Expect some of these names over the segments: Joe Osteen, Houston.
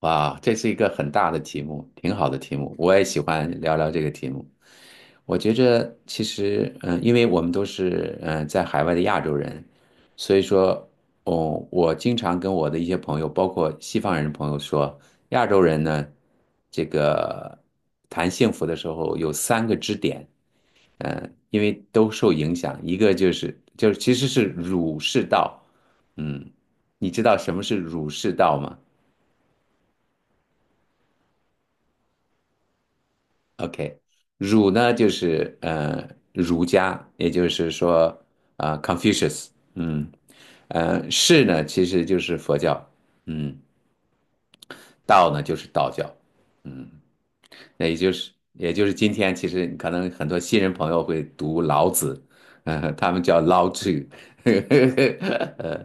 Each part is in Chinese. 哇，这是一个很大的题目，挺好的题目，我也喜欢聊聊这个题目。我觉着其实，因为我们都是在海外的亚洲人，所以说，哦，我经常跟我的一些朋友，包括西方人的朋友说，亚洲人呢，这个谈幸福的时候有三个支点，嗯，因为都受影响，一个就是其实是儒释道，嗯，你知道什么是儒释道吗？OK，儒呢就是儒家，也就是说啊、Confucius，嗯，士呢其实就是佛教，嗯，道呢就是道教，嗯，那也就是今天，其实可能很多新人朋友会读老子，嗯，他们叫老子，呃，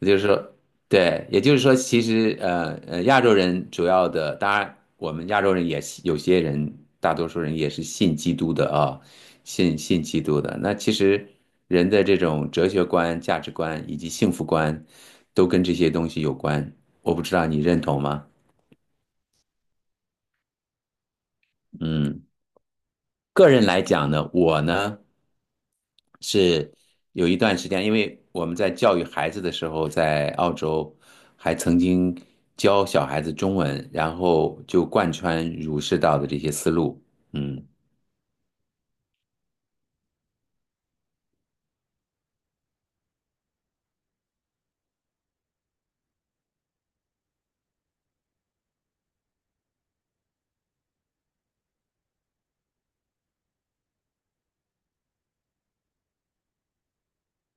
就是说，对，也就是说，其实，亚洲人主要的，当然我们亚洲人也是有些人，大多数人也是信基督的啊，信基督的。那其实人的这种哲学观、价值观以及幸福观，都跟这些东西有关。我不知道你认同吗？嗯，个人来讲呢，我呢。是有一段时间，因为我们在教育孩子的时候，在澳洲还曾经教小孩子中文，然后就贯穿儒释道的这些思路。嗯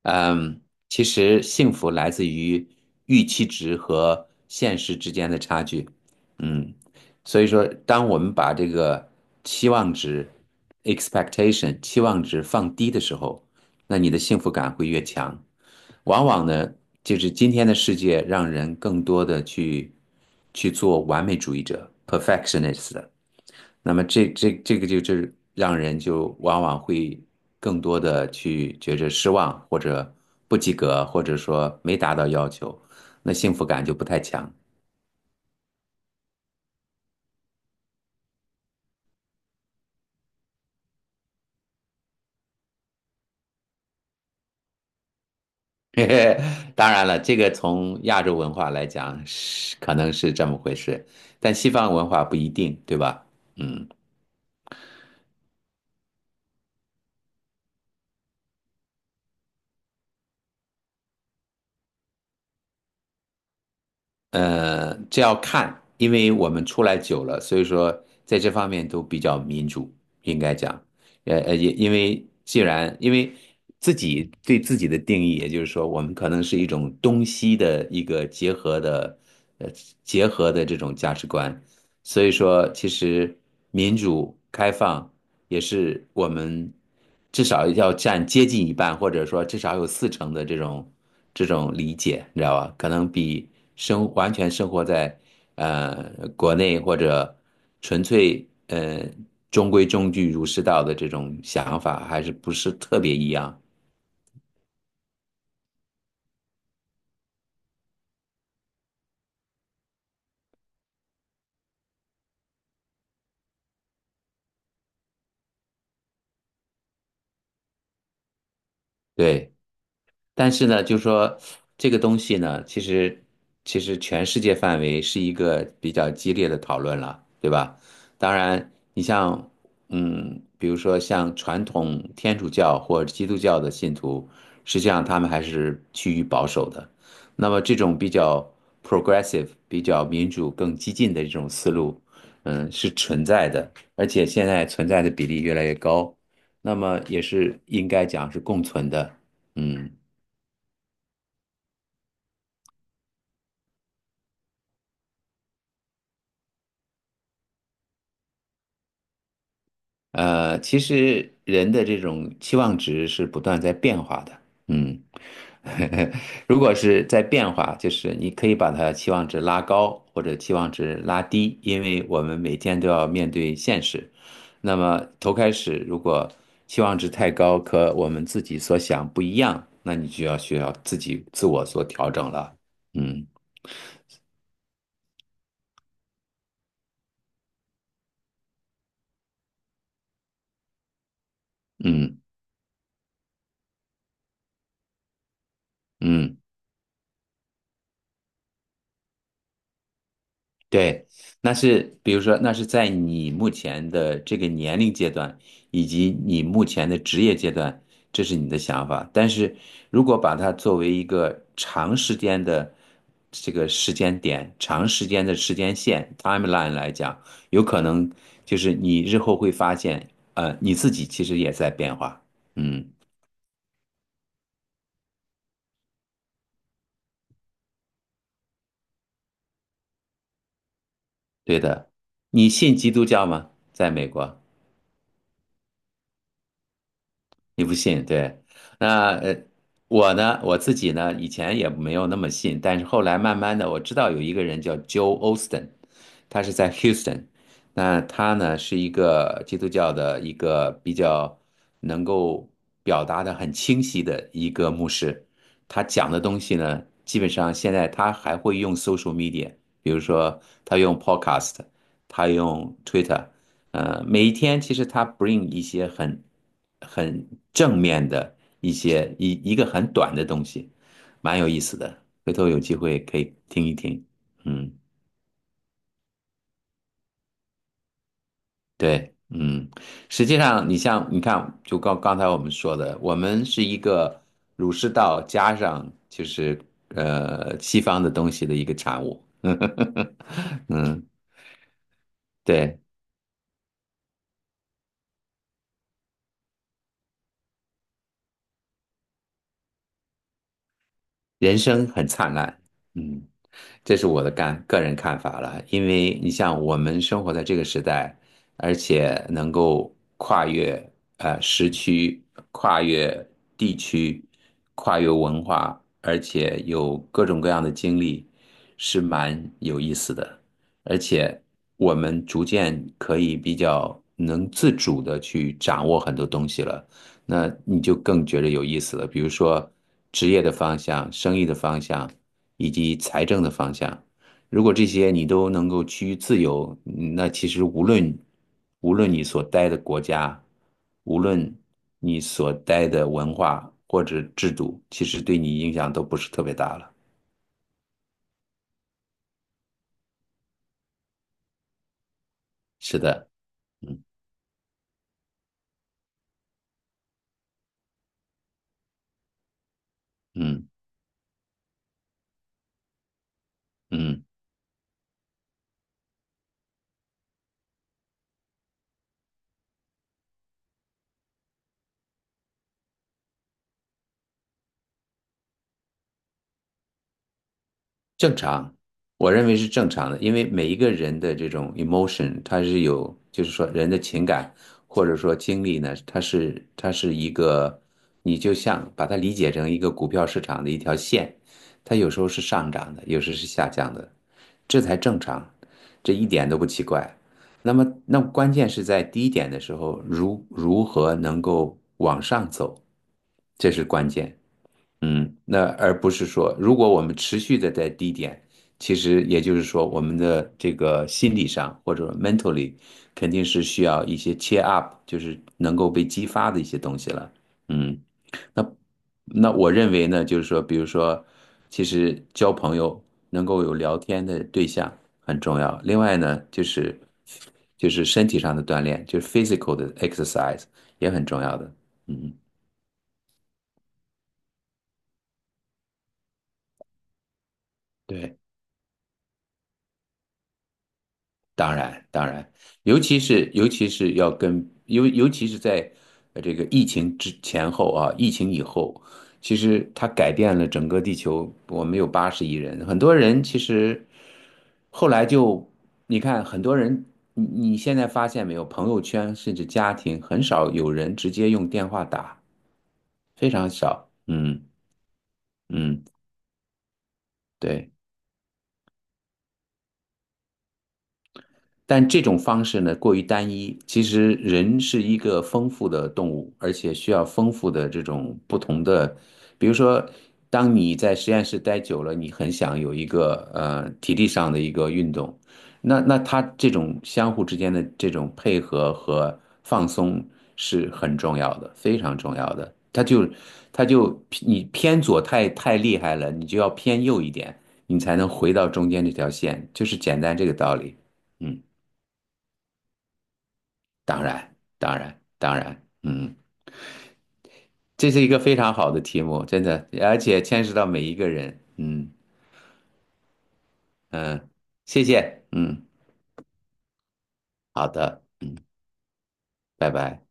嗯，其实幸福来自于预期值和现实之间的差距。嗯，所以说，当我们把这个期望值 （expectation） 期望值放低的时候，那你的幸福感会越强。往往呢，就是今天的世界让人更多的去做完美主义者 （perfectionist） 那么这个就是让人就往往会更多的去觉着失望，或者不及格，或者说没达到要求，那幸福感就不太强。当然了，这个从亚洲文化来讲是可能是这么回事，但西方文化不一定，对吧？嗯。这要看，因为我们出来久了，所以说在这方面都比较民主，应该讲，也因为因为自己对自己的定义，也就是说，我们可能是一种东西的一个结合的，呃，这种价值观，所以说，其实民主开放也是我们至少要占接近一半，或者说至少有四成的这种理解，你知道吧？可能比完全生活在国内或者纯粹中规中矩儒释道的这种想法还是不是特别一样。对。但是呢，就说这个东西呢，其实全世界范围是一个比较激烈的讨论了，对吧？当然，你像比如说像传统天主教或者基督教的信徒，实际上他们还是趋于保守的。那么这种比较 progressive、比较民主、更激进的这种思路，是存在的，而且现在存在的比例越来越高，那么也是应该讲是共存的，嗯。其实人的这种期望值是不断在变化的，嗯，如果是在变化，就是你可以把它期望值拉高或者期望值拉低，因为我们每天都要面对现实。那么头开始，如果期望值太高，和我们自己所想不一样，那你就要需要自己自我做调整了。嗯嗯嗯。对，那是比如说，那是在你目前的这个年龄阶段，以及你目前的职业阶段，这是你的想法。但是如果把它作为一个长时间的这个时间点、长时间的时间线 （timeline） 来讲，有可能就是你日后会发现，你自己其实也在变化。嗯，对的。你信基督教吗？在美国？你不信，对？那我呢，我自己呢，以前也没有那么信，但是后来慢慢的，我知道有一个人叫 Joe Osteen，他是在 Houston，那他呢是一个基督教的一个比较能够表达的很清晰的一个牧师，他讲的东西呢，基本上现在他还会用 social media，比如说他用 podcast，他用 Twitter。每一天其实它 bring 一些很正面的一些一个很短的东西，蛮有意思的。回头有机会可以听一听。嗯，对，嗯，实际上你像你看，就刚刚才我们说的，我们是一个儒释道加上就是西方的东西的一个产物。嗯，对，人生很灿烂。嗯。这是我的个人看法了，因为你像我们生活在这个时代，而且能够跨越时区、跨越地区、跨越文化，而且有各种各样的经历，是蛮有意思的。而且我们逐渐可以比较能自主的去掌握很多东西了，那你就更觉得有意思了。比如说职业的方向、生意的方向。以及财政的方向。如果这些你都能够趋于自由，那其实无论你所待的国家，无论你所待的文化或者制度，其实对你影响都不是特别大了。是的，嗯嗯嗯。正常，我认为是正常的，因为每一个人的这种 emotion，它是有，就是说人的情感或者说经历呢，它是一个，你就像把它理解成一个股票市场的一条线，它有时候是上涨的，有时是下降的，这才正常，这一点都不奇怪。那么，那关键是在低点的时候，如何能够往上走，这是关键。嗯，那而不是说，如果我们持续的在低点，其实也就是说，我们的这个心理上或者 mentally 肯定是需要一些 cheer up，就是能够被激发的一些东西了。嗯，那那我认为呢，就是说，比如说，其实交朋友能够有聊天的对象很重要。另外呢，就是身体上的锻炼，就是 physical 的 exercise 也很重要的。嗯，对。当然，当然，尤其是在这个疫情之前后啊，疫情以后，其实它改变了整个地球。我们有80亿人，很多人其实后来就你看，很多人你现在发现没有，朋友圈甚至家庭很少有人直接用电话打，非常少。嗯嗯，对。但这种方式呢，过于单一。其实人是一个丰富的动物，而且需要丰富的这种不同的，比如说，当你在实验室待久了，你很想有一个体力上的一个运动，那它这种相互之间的这种配合和放松是很重要的，非常重要的。它就你偏左太厉害了，你就要偏右一点，你才能回到中间这条线，就是简单这个道理。嗯。当然，当然，当然，嗯，这是一个非常好的题目，真的，而且牵涉到每一个人，嗯嗯，谢谢，嗯，好的，拜拜。